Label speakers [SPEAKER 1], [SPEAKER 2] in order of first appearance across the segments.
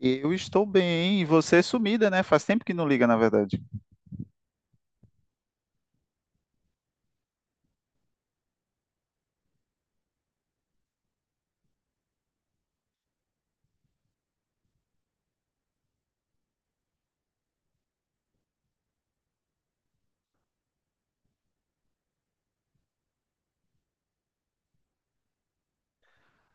[SPEAKER 1] Eu estou bem, e você é sumida, né? Faz tempo que não liga, na verdade.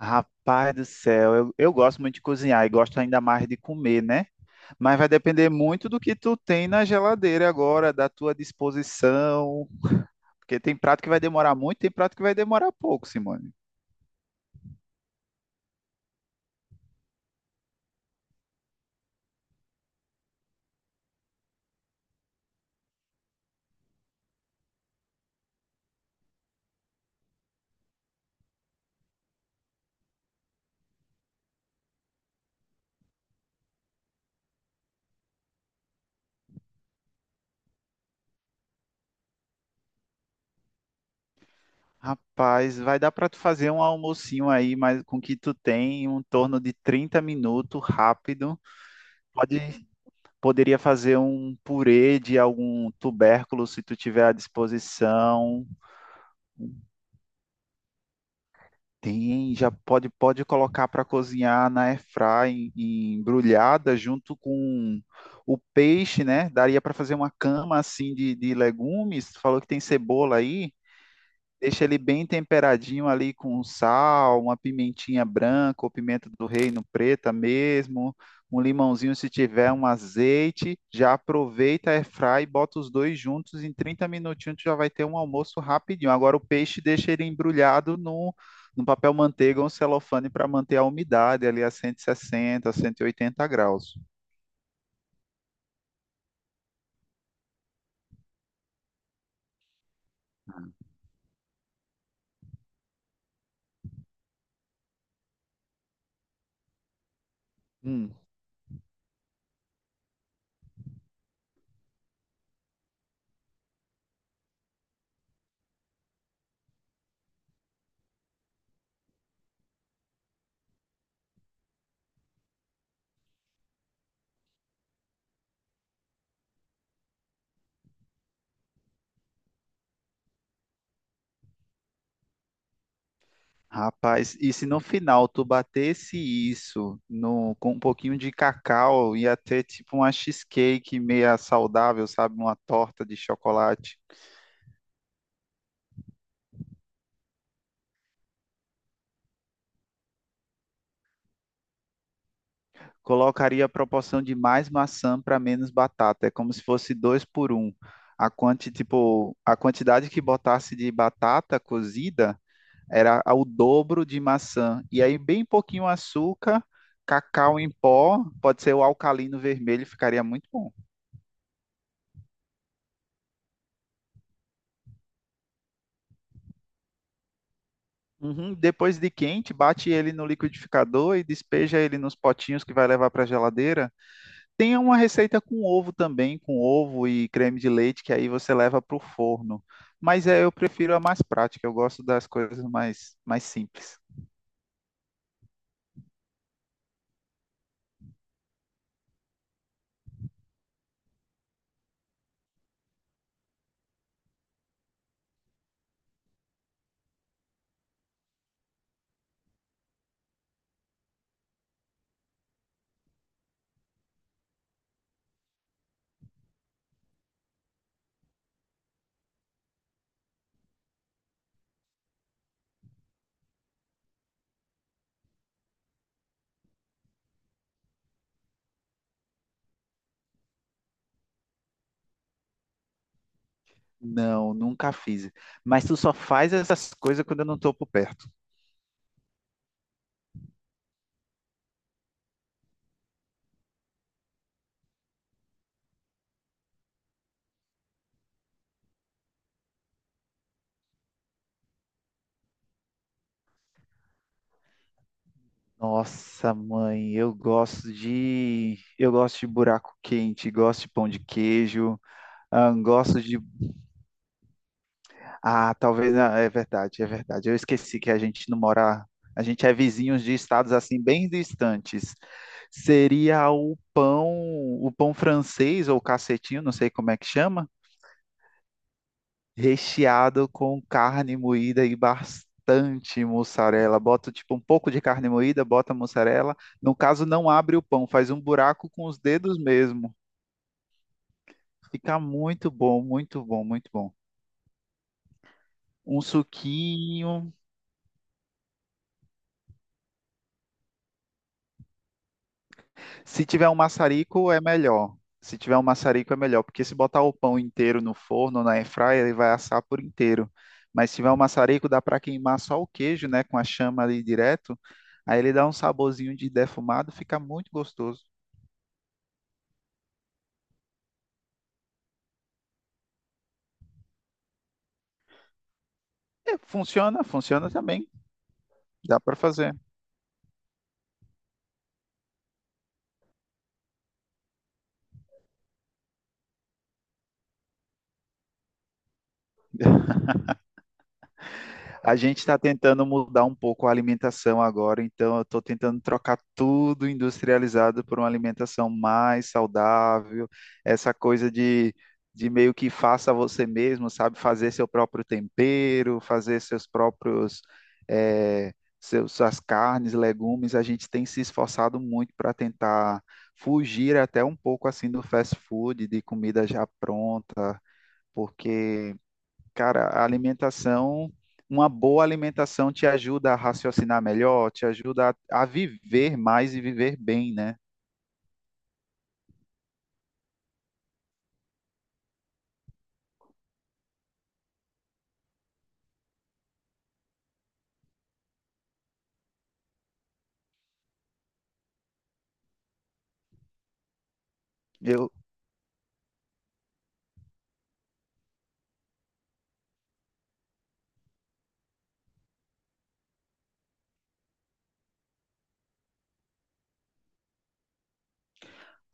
[SPEAKER 1] Rapaz do céu, eu gosto muito de cozinhar e gosto ainda mais de comer, né? Mas vai depender muito do que tu tem na geladeira agora, da tua disposição, porque tem prato que vai demorar muito, tem prato que vai demorar pouco, Simone. Rapaz, vai dar para tu fazer um almocinho aí, mas com o que tu tem, em um torno de 30 minutos, rápido. Pode, Poderia fazer um purê de algum tubérculo se tu tiver à disposição. Tem, já pode colocar para cozinhar na airfry embrulhada junto com o peixe, né? Daria para fazer uma cama assim de legumes. Tu falou que tem cebola aí. Deixa ele bem temperadinho ali com sal, uma pimentinha branca ou pimenta do reino preta mesmo, um limãozinho se tiver, um azeite. Já aproveita, airfry e bota os dois juntos. Em 30 minutinhos tu já vai ter um almoço rapidinho. Agora o peixe deixa ele embrulhado no papel manteiga ou um celofane para manter a umidade ali a 160, 180 graus. Hum. Rapaz, e se no final tu batesse isso no, com um pouquinho de cacau, ia ter tipo uma cheesecake meia saudável, sabe? Uma torta de chocolate. Colocaria a proporção de mais maçã para menos batata. É como se fosse dois por um. A quantidade que botasse de batata cozida era ao dobro de maçã. E aí, bem pouquinho açúcar, cacau em pó, pode ser o alcalino vermelho, ficaria muito bom. Uhum. Depois de quente, bate ele no liquidificador e despeja ele nos potinhos que vai levar para a geladeira. Tem uma receita com ovo também, com ovo e creme de leite, que aí você leva para o forno. Eu prefiro a mais prática, eu gosto das coisas mais simples. Não, nunca fiz. Mas tu só faz essas coisas quando eu não estou por perto. Nossa, mãe, eu gosto de buraco quente, gosto de pão de queijo, ah, gosto de é verdade, é verdade. Eu esqueci que a gente não mora, a gente é vizinhos de estados assim bem distantes. Seria o pão francês ou cacetinho, não sei como é que chama, recheado com carne moída e bastante mussarela. Bota tipo um pouco de carne moída, bota mussarela. No caso, não abre o pão, faz um buraco com os dedos mesmo. Fica muito bom, muito bom, muito bom. Um suquinho. Se tiver um maçarico, é melhor. Se tiver um maçarico, é melhor, porque se botar o pão inteiro no forno, na airfryer, ele vai assar por inteiro. Mas se tiver um maçarico, dá para queimar só o queijo, né, com a chama ali direto. Aí ele dá um saborzinho de defumado, fica muito gostoso. É, funciona, funciona também. Dá para fazer. A gente está tentando mudar um pouco a alimentação agora, então eu estou tentando trocar tudo industrializado por uma alimentação mais saudável, essa coisa de meio que faça você mesmo, sabe? Fazer seu próprio tempero, fazer seus próprios, eh, seus, suas carnes, legumes. A gente tem se esforçado muito para tentar fugir até um pouco assim do fast food, de comida já pronta, porque cara, a alimentação, uma boa alimentação te ajuda a raciocinar melhor, te ajuda a viver mais e viver bem, né? Eu,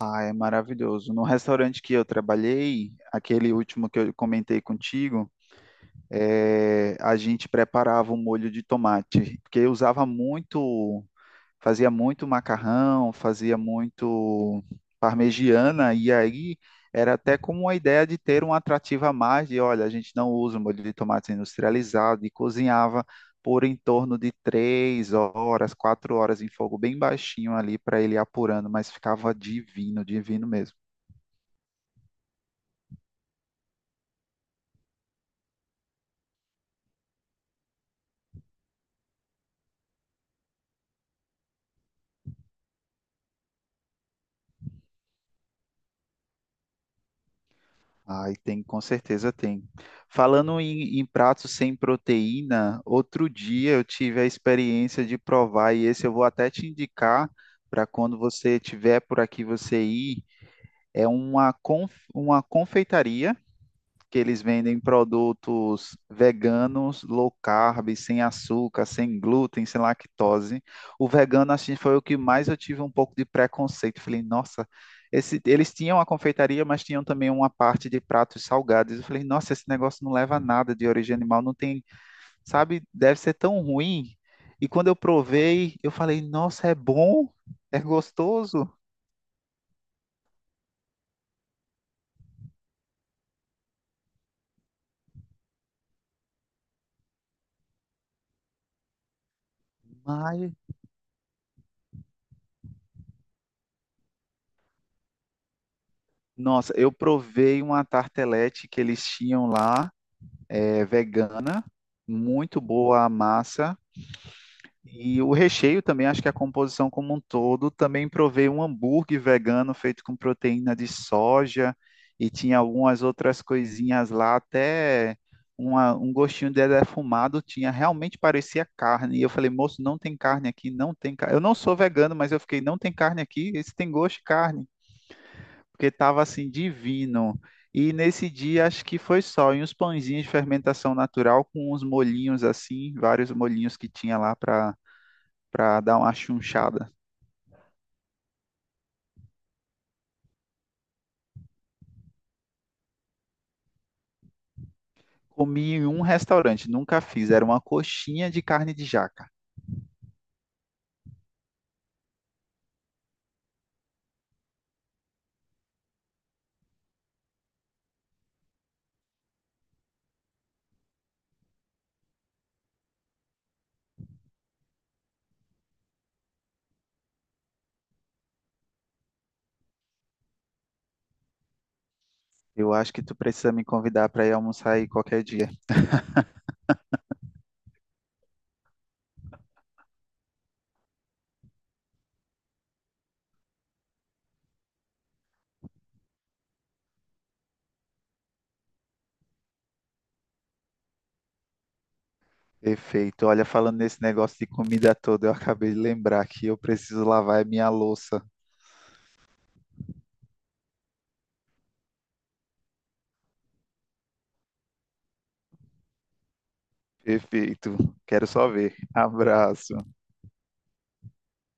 [SPEAKER 1] É maravilhoso. No restaurante que eu trabalhei, aquele último que eu comentei contigo, é a gente preparava um molho de tomate, porque eu usava muito, fazia muito macarrão, fazia muito parmegiana, e aí era até como uma ideia de ter um atrativo a mais de, olha, a gente não usa molho de tomate industrializado, e cozinhava por em torno de 3 horas, 4 horas em fogo bem baixinho ali para ele ir apurando, mas ficava divino, divino mesmo. Ai, tem, com certeza tem. Falando em pratos sem proteína, outro dia eu tive a experiência de provar, e esse eu vou até te indicar para quando você tiver por aqui você ir. É uma confeitaria que eles vendem produtos veganos, low carb, sem açúcar, sem glúten, sem lactose. O vegano, assim, foi o que mais eu tive um pouco de preconceito. Falei, nossa, eles tinham a confeitaria, mas tinham também uma parte de pratos salgados. Eu falei, nossa, esse negócio não leva a nada de origem animal, não tem, sabe, deve ser tão ruim. E quando eu provei, eu falei, nossa, é bom, é gostoso, mas... Nossa, eu provei uma tartelete que eles tinham lá, vegana, muito boa a massa. E o recheio também, acho que a composição como um todo, também provei um hambúrguer vegano feito com proteína de soja e tinha algumas outras coisinhas lá, até um gostinho de defumado tinha, realmente parecia carne. E eu falei, moço, não tem carne aqui, não tem carne. Eu não sou vegano, mas eu fiquei, não tem carne aqui, esse tem gosto de carne porque estava assim divino. E nesse dia acho que foi só, e uns pãezinhos de fermentação natural com uns molhinhos assim, vários molhinhos que tinha lá para dar uma chunchada. Comi em um restaurante, nunca fiz, era uma coxinha de carne de jaca. Eu acho que tu precisa me convidar para ir almoçar aí qualquer dia. Perfeito. Olha, falando nesse negócio de comida toda, eu acabei de lembrar que eu preciso lavar a minha louça. Perfeito. Quero só ver. Abraço.